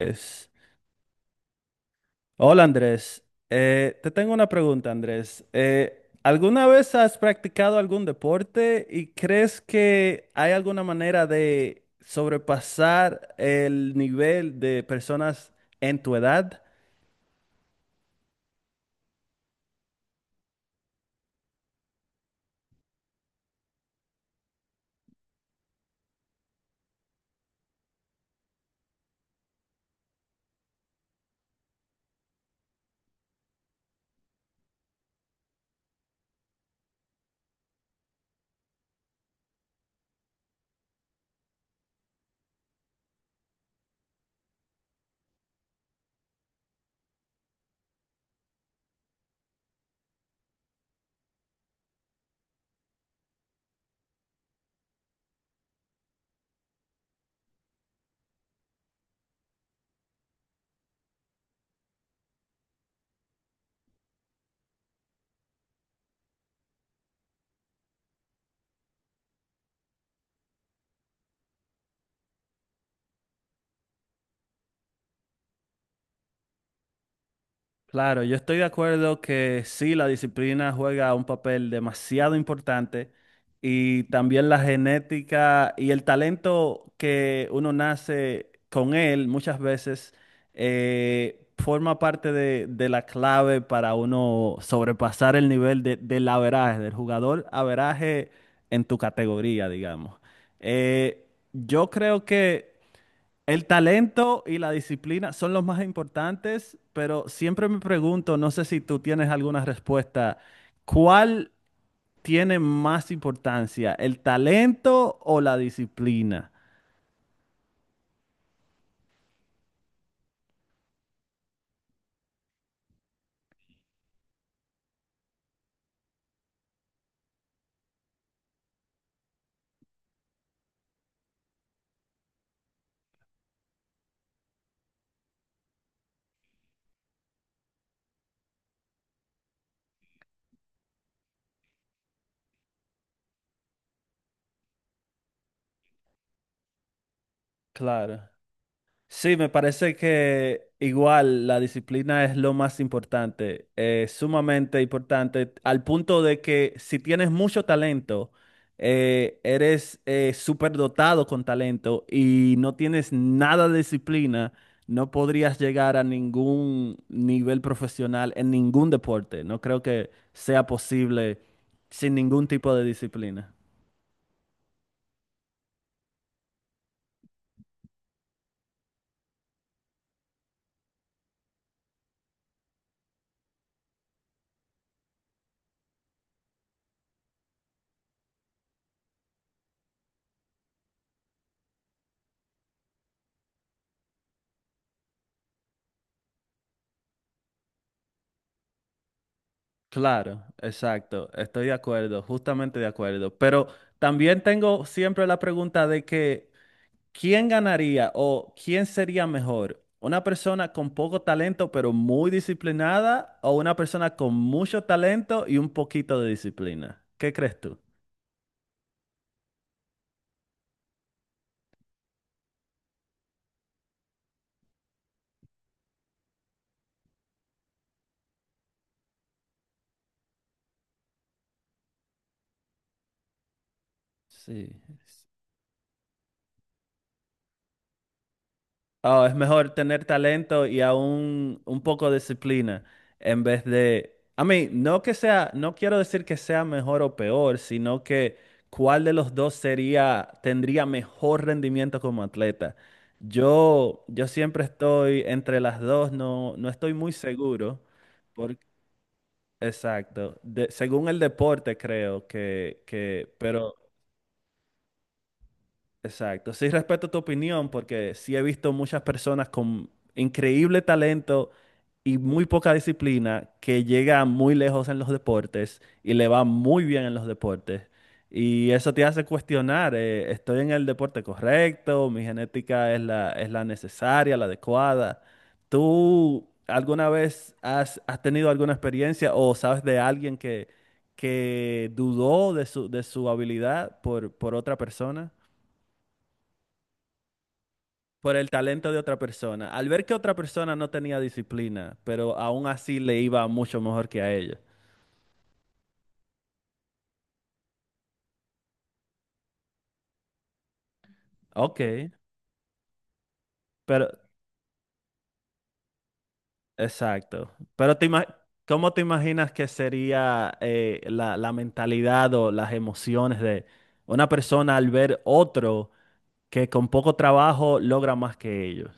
Andrés. Hola, Andrés. Te tengo una pregunta, Andrés. ¿Alguna vez has practicado algún deporte y crees que hay alguna manera de sobrepasar el nivel de personas en tu edad? Claro, yo estoy de acuerdo que sí, la disciplina juega un papel demasiado importante, y también la genética y el talento que uno nace con él muchas veces forma parte de la clave para uno sobrepasar el nivel del averaje, del jugador averaje en tu categoría, digamos. Eh, yo creo que el talento y la disciplina son los más importantes, pero siempre me pregunto, no sé si tú tienes alguna respuesta, ¿cuál tiene más importancia, el talento o la disciplina? Claro. Sí, me parece que igual la disciplina es lo más importante, sumamente importante, al punto de que si tienes mucho talento, eres superdotado con talento y no tienes nada de disciplina, no podrías llegar a ningún nivel profesional en ningún deporte. No creo que sea posible sin ningún tipo de disciplina. Claro, exacto, estoy de acuerdo, justamente de acuerdo. Pero también tengo siempre la pregunta de que, ¿quién ganaría o quién sería mejor? ¿Una persona con poco talento pero muy disciplinada o una persona con mucho talento y un poquito de disciplina? ¿Qué crees tú? Sí. Oh, es mejor tener talento y aún un poco de disciplina en vez de. A mí, no que sea, no quiero decir que sea mejor o peor, sino que cuál de los dos sería, tendría mejor rendimiento como atleta. Yo siempre estoy entre las dos, no estoy muy seguro. por- exacto. Según el deporte, creo que, pero exacto. Sí, respeto tu opinión porque sí he visto muchas personas con increíble talento y muy poca disciplina que llegan muy lejos en los deportes y le va muy bien en los deportes. Y eso te hace cuestionar, ¿estoy en el deporte correcto? ¿Mi genética es la necesaria, la adecuada? ¿Tú alguna vez has tenido alguna experiencia o sabes de alguien que dudó de su habilidad por otra persona? Por el talento de otra persona, al ver que otra persona no tenía disciplina, pero aún así le iba mucho mejor que a ella. Ok, pero exacto. Pero ¿cómo te imaginas que sería la mentalidad o las emociones de una persona al ver otro que con poco trabajo logra más que ellos?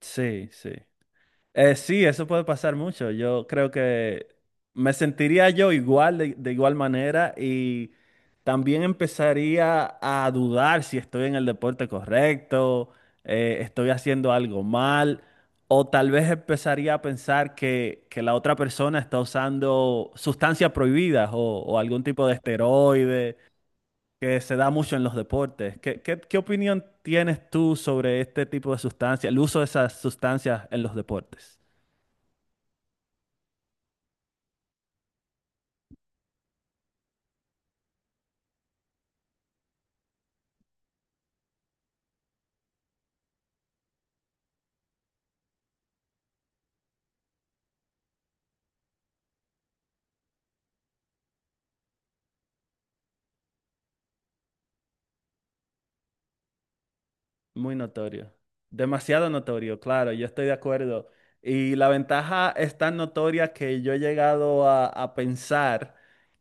Sí, sí. Sí, eso puede pasar mucho. Yo creo que me sentiría yo igual, de igual manera, y también empezaría a dudar si estoy en el deporte correcto, estoy haciendo algo mal, o tal vez empezaría a pensar que la otra persona está usando sustancias prohibidas o algún tipo de esteroide que se da mucho en los deportes. ¿Qué opinión tienes tú sobre este tipo de sustancias, el uso de esas sustancias en los deportes? Muy notorio. Demasiado notorio, claro, yo estoy de acuerdo. Y la ventaja es tan notoria que yo he llegado a pensar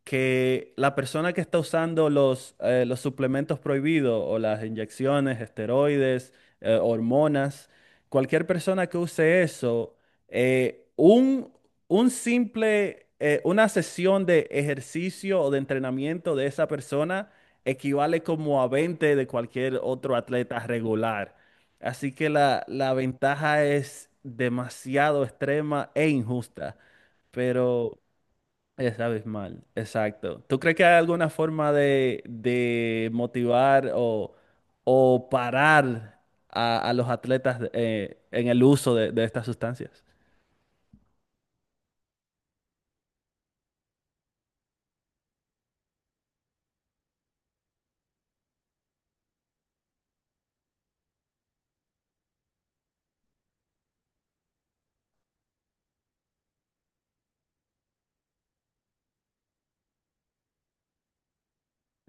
que la persona que está usando los suplementos prohibidos o las inyecciones, esteroides, hormonas, cualquier persona que use eso, eh, un, un simple, una sesión de ejercicio o de entrenamiento de esa persona equivale como a 20 de cualquier otro atleta regular. Así que la ventaja es demasiado extrema e injusta, pero es abismal, exacto. ¿Tú crees que hay alguna forma de motivar o parar a los atletas en el uso de estas sustancias?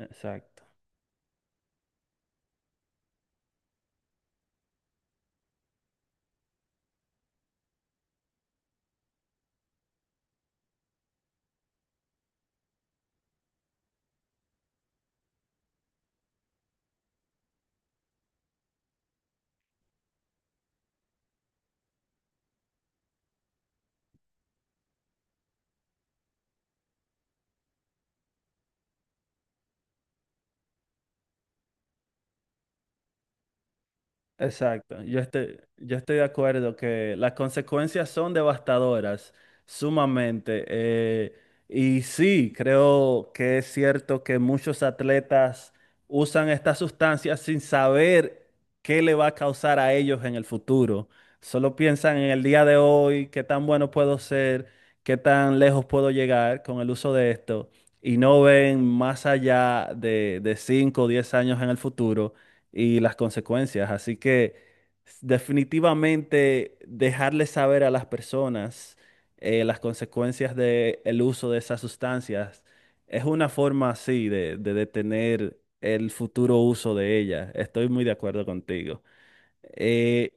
Exacto. Exacto, yo estoy de acuerdo que las consecuencias son devastadoras, sumamente. Y sí, creo que es cierto que muchos atletas usan estas sustancias sin saber qué le va a causar a ellos en el futuro. Solo piensan en el día de hoy, qué tan bueno puedo ser, qué tan lejos puedo llegar con el uso de esto, y no ven más allá de 5 o 10 años en el futuro y las consecuencias. Así que definitivamente dejarles saber a las personas las consecuencias del uso de esas sustancias es una forma así de detener el futuro uso de ellas. Estoy muy de acuerdo contigo. Eh,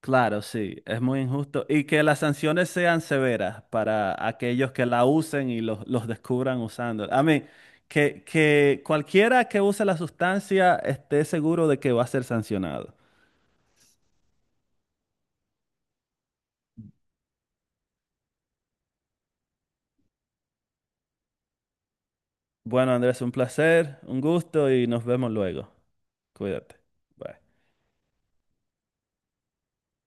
Claro, sí, es muy injusto. Y que las sanciones sean severas para aquellos que la usen y los descubran usando. A mí, que cualquiera que use la sustancia esté seguro de que va a ser sancionado. Bueno, Andrés, un placer, un gusto y nos vemos luego. Cuídate. Bye.